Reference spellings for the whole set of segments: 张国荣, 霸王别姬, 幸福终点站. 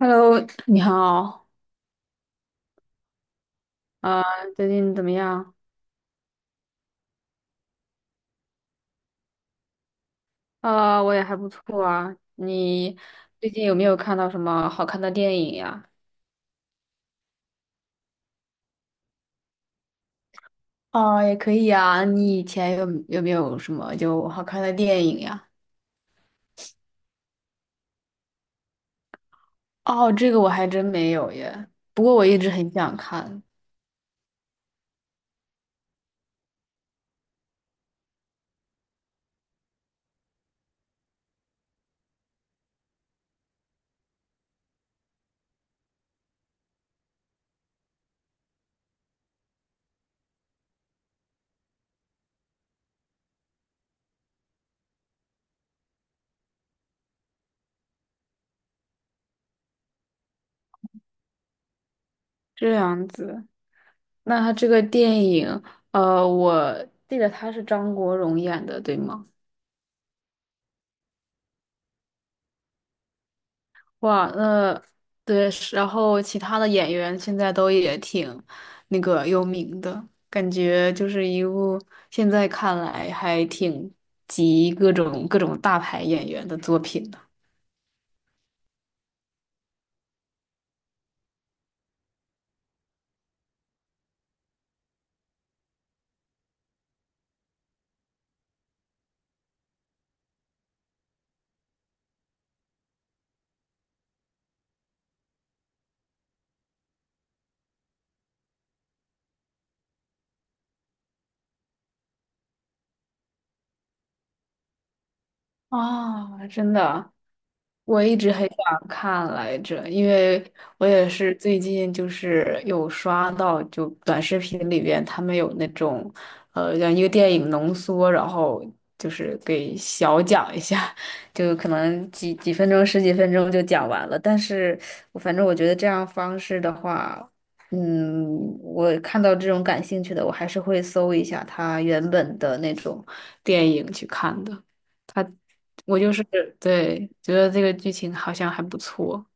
Hello，你好，啊，最近怎么样？啊、我也还不错啊。你最近有没有看到什么好看的电影呀？哦，也可以啊。你以前有没有什么就好看的电影呀？哦，这个我还真没有耶。不过我一直很想看。这样子，那他这个电影，我记得他是张国荣演的，对吗？哇，那对，是然后其他的演员现在都也挺那个有名的，感觉就是一部现在看来还挺集各种大牌演员的作品的。啊，真的，我一直很想看来着，因为我也是最近就是有刷到，就短视频里边他们有那种，让一个电影浓缩，然后就是给小讲一下，就可能几分钟、十几分钟就讲完了。但是我反正我觉得这样方式的话，嗯，我看到这种感兴趣的，我还是会搜一下他原本的那种电影去看的。他。我就是对，觉得这个剧情好像还不错。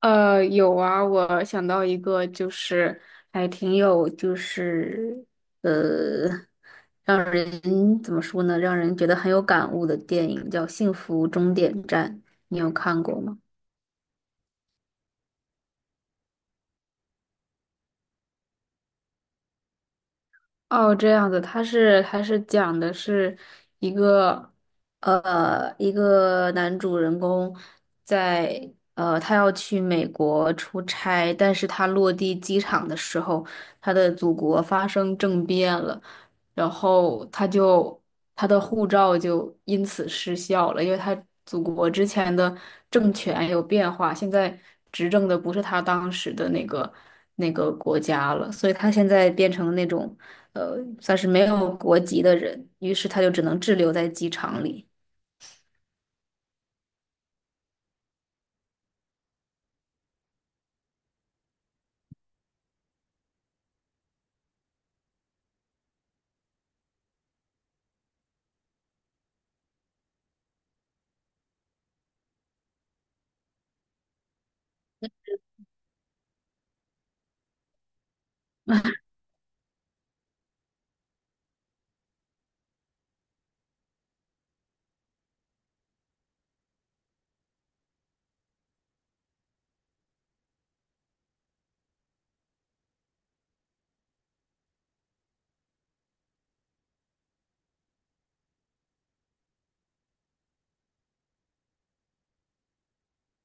有啊，我想到一个，就是还挺有，就是呃，让人怎么说呢，让人觉得很有感悟的电影，叫《幸福终点站》，你有看过吗？哦，这样子，他讲的是一个一个男主人公在他要去美国出差，但是他落地机场的时候，他的祖国发生政变了，然后他的护照就因此失效了，因为他祖国之前的政权有变化，现在执政的不是他当时的那个国家了，所以他现在变成那种。算是没有国籍的人，于是他就只能滞留在机场里。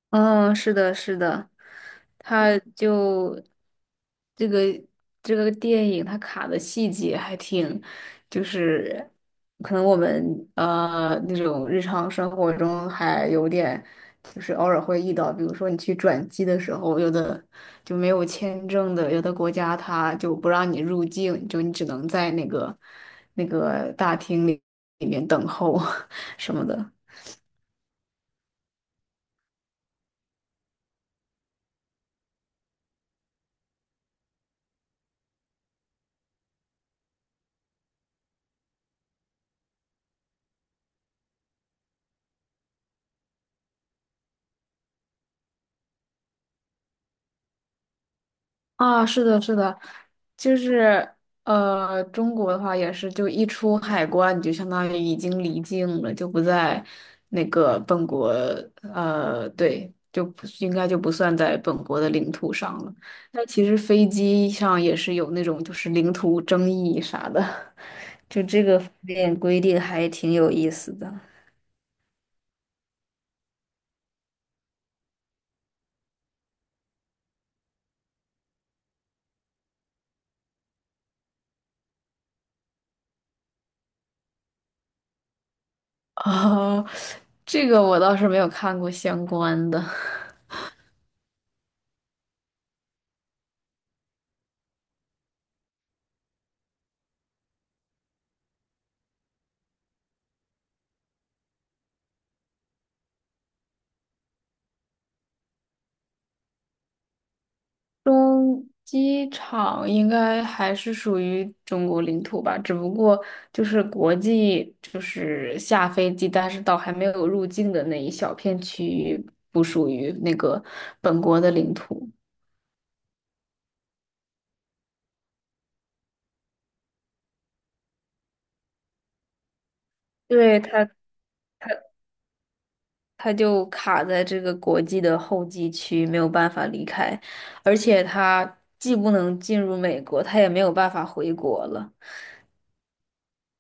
嗯，是的，是的，他就这个这个电影，它卡的细节还挺，就是可能我们那种日常生活中还有点，就是偶尔会遇到，比如说你去转机的时候，有的就没有签证的，有的国家它就不让你入境，就你只能在那个大厅里里面等候 什么的。啊，是的，是的，就是中国的话也是，就一出海关，你就相当于已经离境了，就不在那个本国，呃，对，就不算在本国的领土上了。但其实飞机上也是有那种就是领土争议啥的，就这个方面规定还挺有意思的。啊，这个我倒是没有看过相关的。中机场应该还是属于中国领土吧，只不过就是国际，就是下飞机，但是到还没有入境的那一小片区域，不属于那个本国的领土。对，它，它就卡在这个国际的候机区，没有办法离开，而且它既不能进入美国，它也没有办法回国了，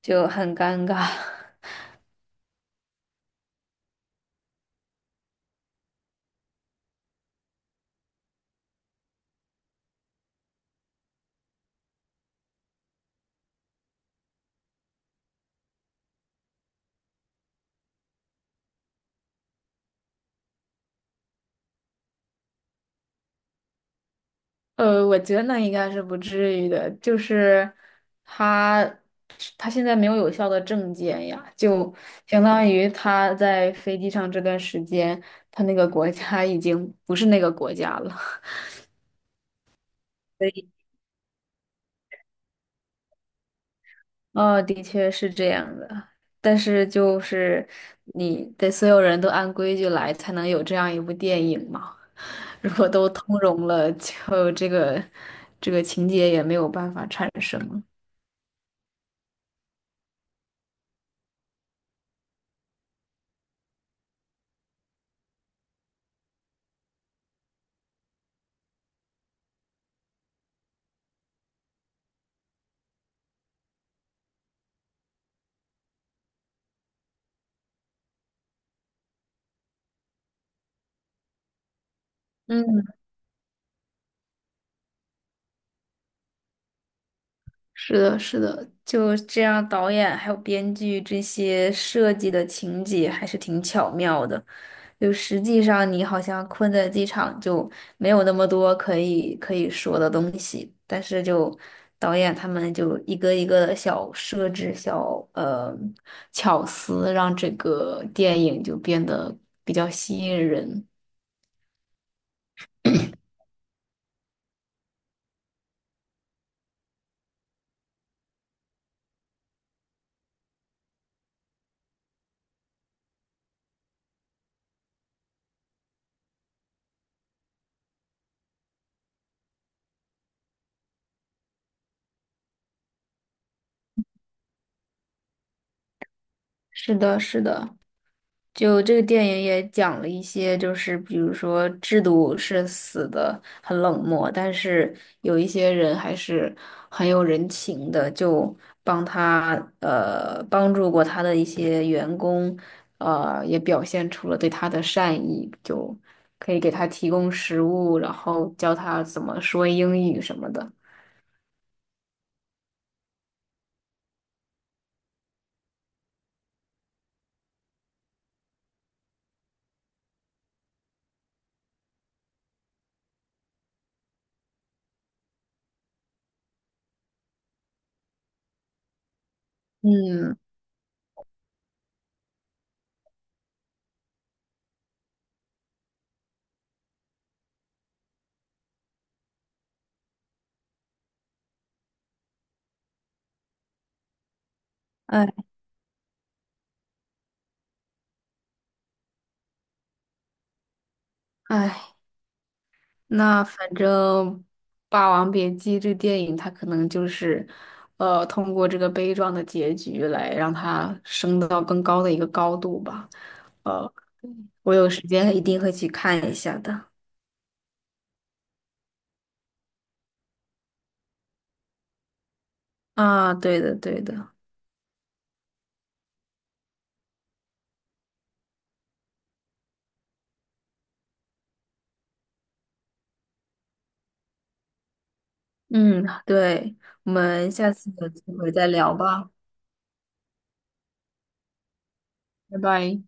就很尴尬。我觉得那应该是不至于的，就是他他现在没有有效的证件呀，就相当于他在飞机上这段时间，他那个国家已经不是那个国家了。哦，的确是这样的，但是就是你得所有人都按规矩来，才能有这样一部电影嘛。如果都通融了，就这个情节也没有办法产生了。嗯。是的，是的，就这样，导演还有编剧这些设计的情节还是挺巧妙的。就实际上，你好像困在机场，就没有那么多可以说的东西，但是就导演他们就一个一个的小设置、小巧思，让这个电影就变得比较吸引人。是的，是的。就这个电影也讲了一些，就是比如说制度是死的很冷漠，但是有一些人还是很有人情的，就帮助过他的一些员工，也表现出了对他的善意，就可以给他提供食物，然后教他怎么说英语什么的。嗯，哎哎，那反正《霸王别姬》这电影，它可能就是，通过这个悲壮的结局来让它升到更高的一个高度吧。呃，我有时间一定会去看一下的。啊，对的，对的，嗯，对，我们下次有机会再聊吧，拜拜。